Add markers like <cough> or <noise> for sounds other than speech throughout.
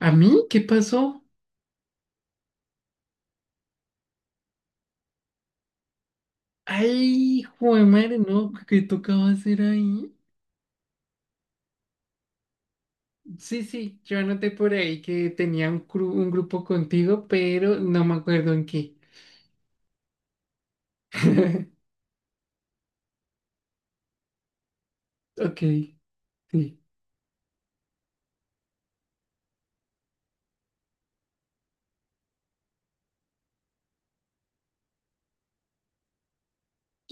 ¿A mí? ¿Qué pasó? Ay, joder, madre, no, ¿qué tocaba hacer ahí? Sí, sí, yo anoté por ahí que tenía un grupo contigo, pero no me acuerdo en qué. <laughs> Ok, sí,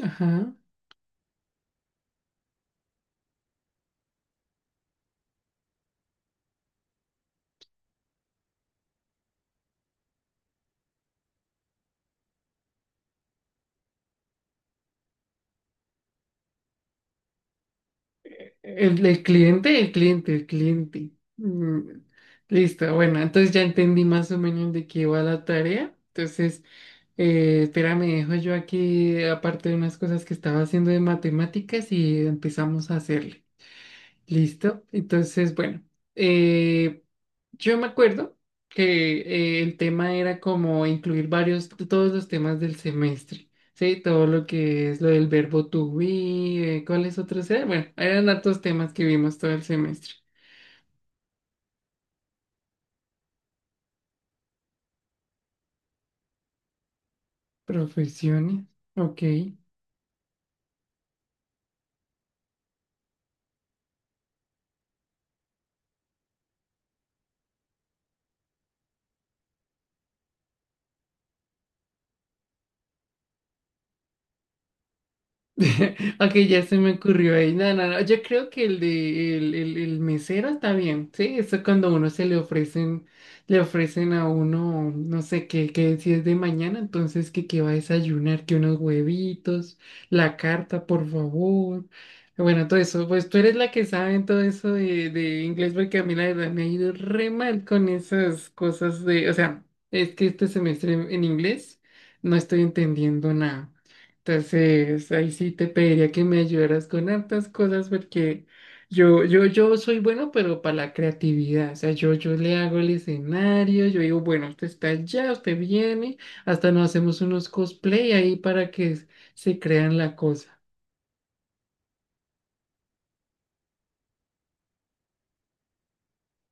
ajá. El cliente, el cliente, el cliente. Mm, listo, bueno, entonces ya entendí más o menos de qué va la tarea. Entonces, espera, me dejo yo aquí, aparte de unas cosas que estaba haciendo de matemáticas, y empezamos a hacerle. Listo. Entonces, bueno, eh, yo me acuerdo que el tema era como incluir varios, todos los temas del semestre, ¿sí? Todo lo que es lo del verbo to be. ¿Cuáles otros eran? Bueno, eran hartos temas que vimos todo el semestre. Profesiones, ok. <laughs> Ok, ya se me ocurrió ahí. No, no, no. Yo creo que el de el mesero está bien, ¿sí? Eso es cuando a uno se le ofrecen a uno, no sé qué, qué si es de mañana, entonces que va a desayunar, que unos huevitos, la carta, por favor. Bueno, todo eso, pues tú eres la que sabe en todo eso de inglés, porque a mí la verdad me ha ido re mal con esas cosas de, o sea, es que este semestre en inglés no estoy entendiendo nada. Entonces, ahí sí te pediría que me ayudaras con hartas cosas porque yo soy bueno, pero para la creatividad. O sea, yo le hago el escenario, yo digo, bueno, usted está allá, usted viene, hasta nos hacemos unos cosplay ahí se crean la cosa.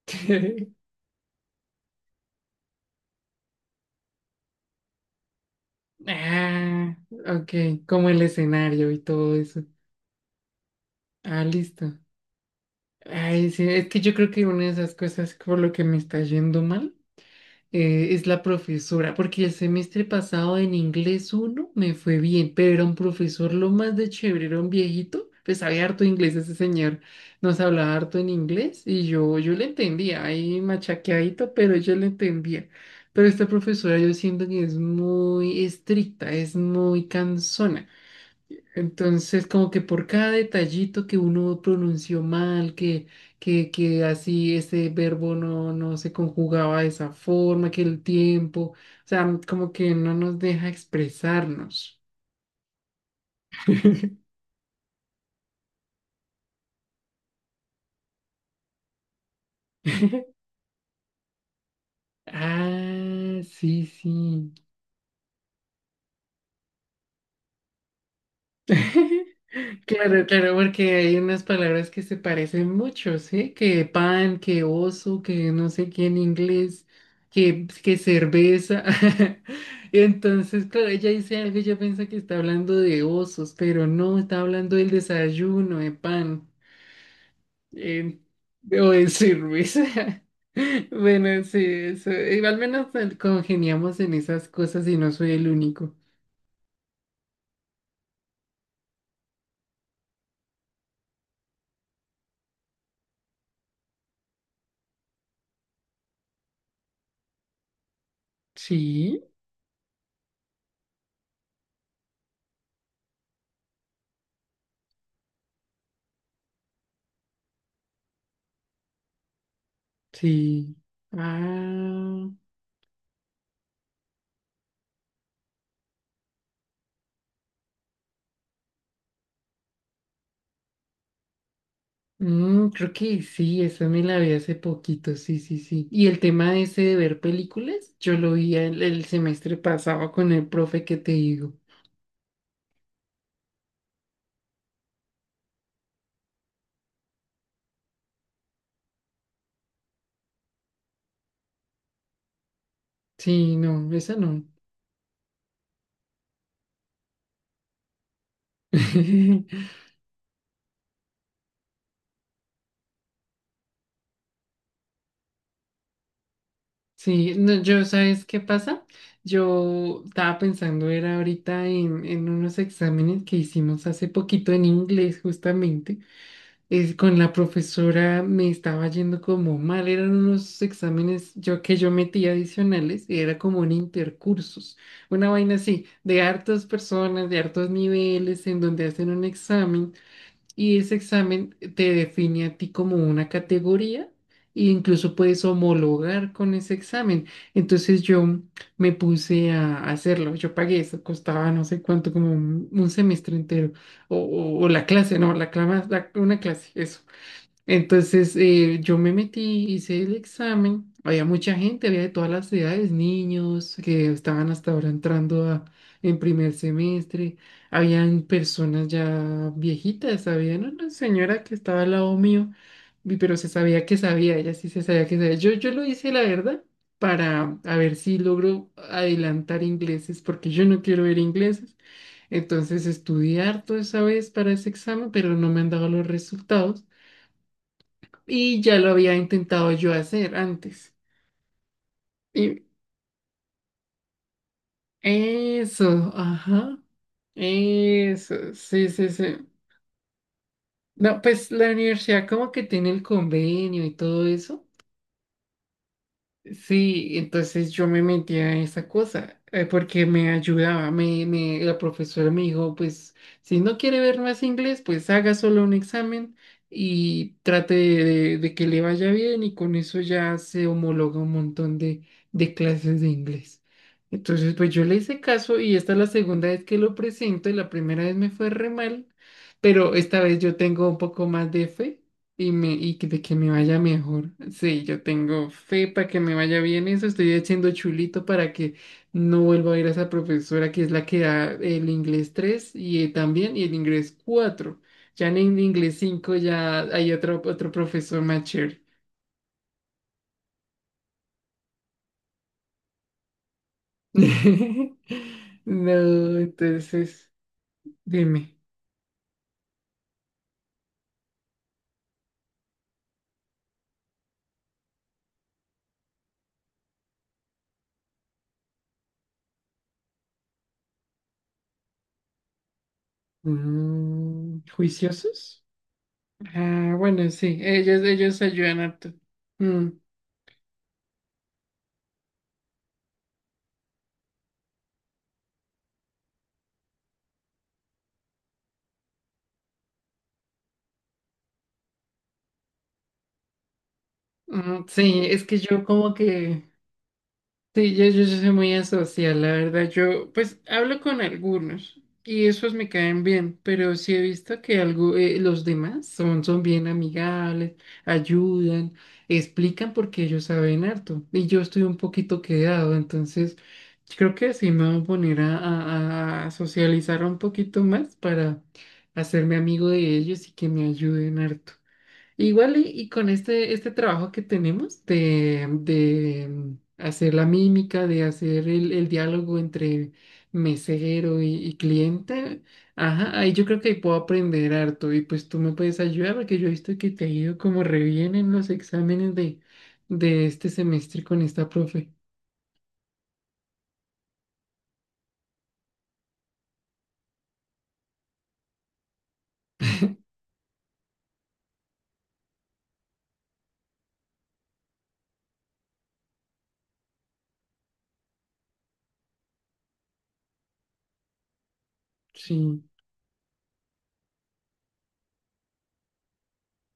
<laughs> Ah, ok, como el escenario y todo eso. Ah, listo. Ay, sí, es que yo creo que una de esas cosas por lo que me está yendo mal. Es la profesora, porque el semestre pasado en inglés uno me fue bien, pero era un profesor lo más de chévere, era un viejito, pues sabía harto inglés ese señor, nos hablaba harto en inglés y yo le entendía, ahí machaqueadito, pero yo le entendía. Pero esta profesora yo siento que es muy estricta, es muy cansona. Entonces, como que por cada detallito que uno pronunció mal, que así ese verbo no, no se conjugaba de esa forma, que el tiempo, o sea, como que no nos deja expresarnos. <laughs> Ah, sí, sí. <laughs> Claro, claro, porque hay unas palabras que se parecen mucho, ¿sí? Que pan, que oso, que no sé qué en inglés, que cerveza. <laughs> Entonces, claro, ella dice algo y yo pienso que está hablando de osos, pero no, está hablando del desayuno, de pan, eh, o de cerveza. <laughs> Bueno, sí, eso. Al menos congeniamos en esas cosas y no soy el único. Sí, sí. Ah. Mm, creo que sí, esa me la vi hace poquito, sí, sí, sí. Y el tema ese de ver películas, yo lo vi el semestre pasado con el profe que te digo. Sí, no, esa no. <laughs> Sí, no, yo, ¿sabes qué pasa? Yo estaba pensando, era ahorita en unos exámenes que hicimos hace poquito en inglés, justamente. Con la profesora me estaba yendo como mal, eran unos exámenes yo metía adicionales y era como un intercursos, una vaina así, de hartas personas, de hartos niveles, en donde hacen un examen y ese examen te define a ti como una categoría e incluso puedes homologar con ese examen. Entonces yo me puse a hacerlo, yo pagué eso, costaba no sé cuánto, como un semestre entero, o la clase, no, una clase, eso. Entonces yo me metí, hice el examen, había mucha gente, había de todas las edades, niños que estaban hasta ahora entrando en primer semestre, habían personas ya viejitas, había no, una señora que estaba al lado mío, pero se sabía que sabía, ella sí se sabía que sabía. Yo lo hice, la verdad, para a ver si logro adelantar ingleses, porque yo no quiero ver ingleses. Entonces estudié harto esa vez para ese examen, pero no me han dado los resultados. Y ya lo había intentado yo hacer antes. Y eso, ajá, eso, sí, sí, sí. No, pues la universidad como que tiene el convenio y todo eso. Sí, entonces yo me metía en esa cosa porque me ayudaba. La profesora me dijo, pues si no quiere ver más inglés, pues haga solo un examen y trate de que le vaya bien y con eso ya se homologa un montón de clases de inglés. Entonces, pues yo le hice caso y esta es la segunda vez que lo presento y la primera vez me fue re mal, pero esta vez yo tengo un poco más de fe. De que me vaya mejor. Sí, yo tengo fe para que me vaya bien eso. Estoy haciendo chulito para que no vuelva a ir a esa profesora que es la que da el inglés 3 y también y el inglés cuatro. Ya en el inglés cinco ya hay otro, otro profesor más chévere. <laughs> No, entonces, dime. Mm, ¿juiciosos? Ah, bueno, sí, ellos ayudan harto. Mm, sí, es que yo como que... Sí, yo soy muy asocial, la verdad. Yo, pues, hablo con algunos y esos me caen bien, pero sí he visto que algo, los demás son, son bien amigables, ayudan, explican porque ellos saben harto y yo estoy un poquito quedado, entonces creo que sí me voy a poner a socializar un poquito más para hacerme amigo de ellos y que me ayuden harto. Igual y con este trabajo que tenemos de, hacer la mímica, de hacer el diálogo entre mesero y cliente, ajá, ahí yo creo que ahí puedo aprender harto y pues tú me puedes ayudar porque yo he visto que te ha ido como re bien en los exámenes de este semestre con esta profe. Sí.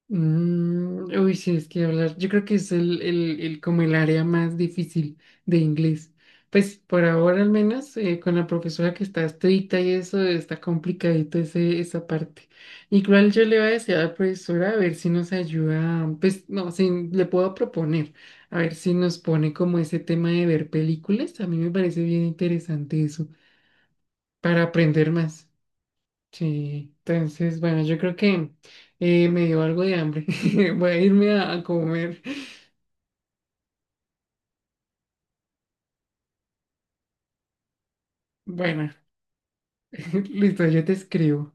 Mm, uy, sí, es que hablar. Yo creo que es como el área más difícil de inglés. Pues por ahora al menos con la profesora que está estricta y eso está complicadito ese, esa parte. Igual yo le voy a decir a la profesora a ver si nos ayuda, pues no, si le puedo proponer, a ver si nos pone como ese tema de ver películas. A mí me parece bien interesante eso, para aprender más. Sí, entonces, bueno, yo creo que me dio algo de hambre. <laughs> Voy a irme a comer. Bueno, <laughs> listo, yo te escribo.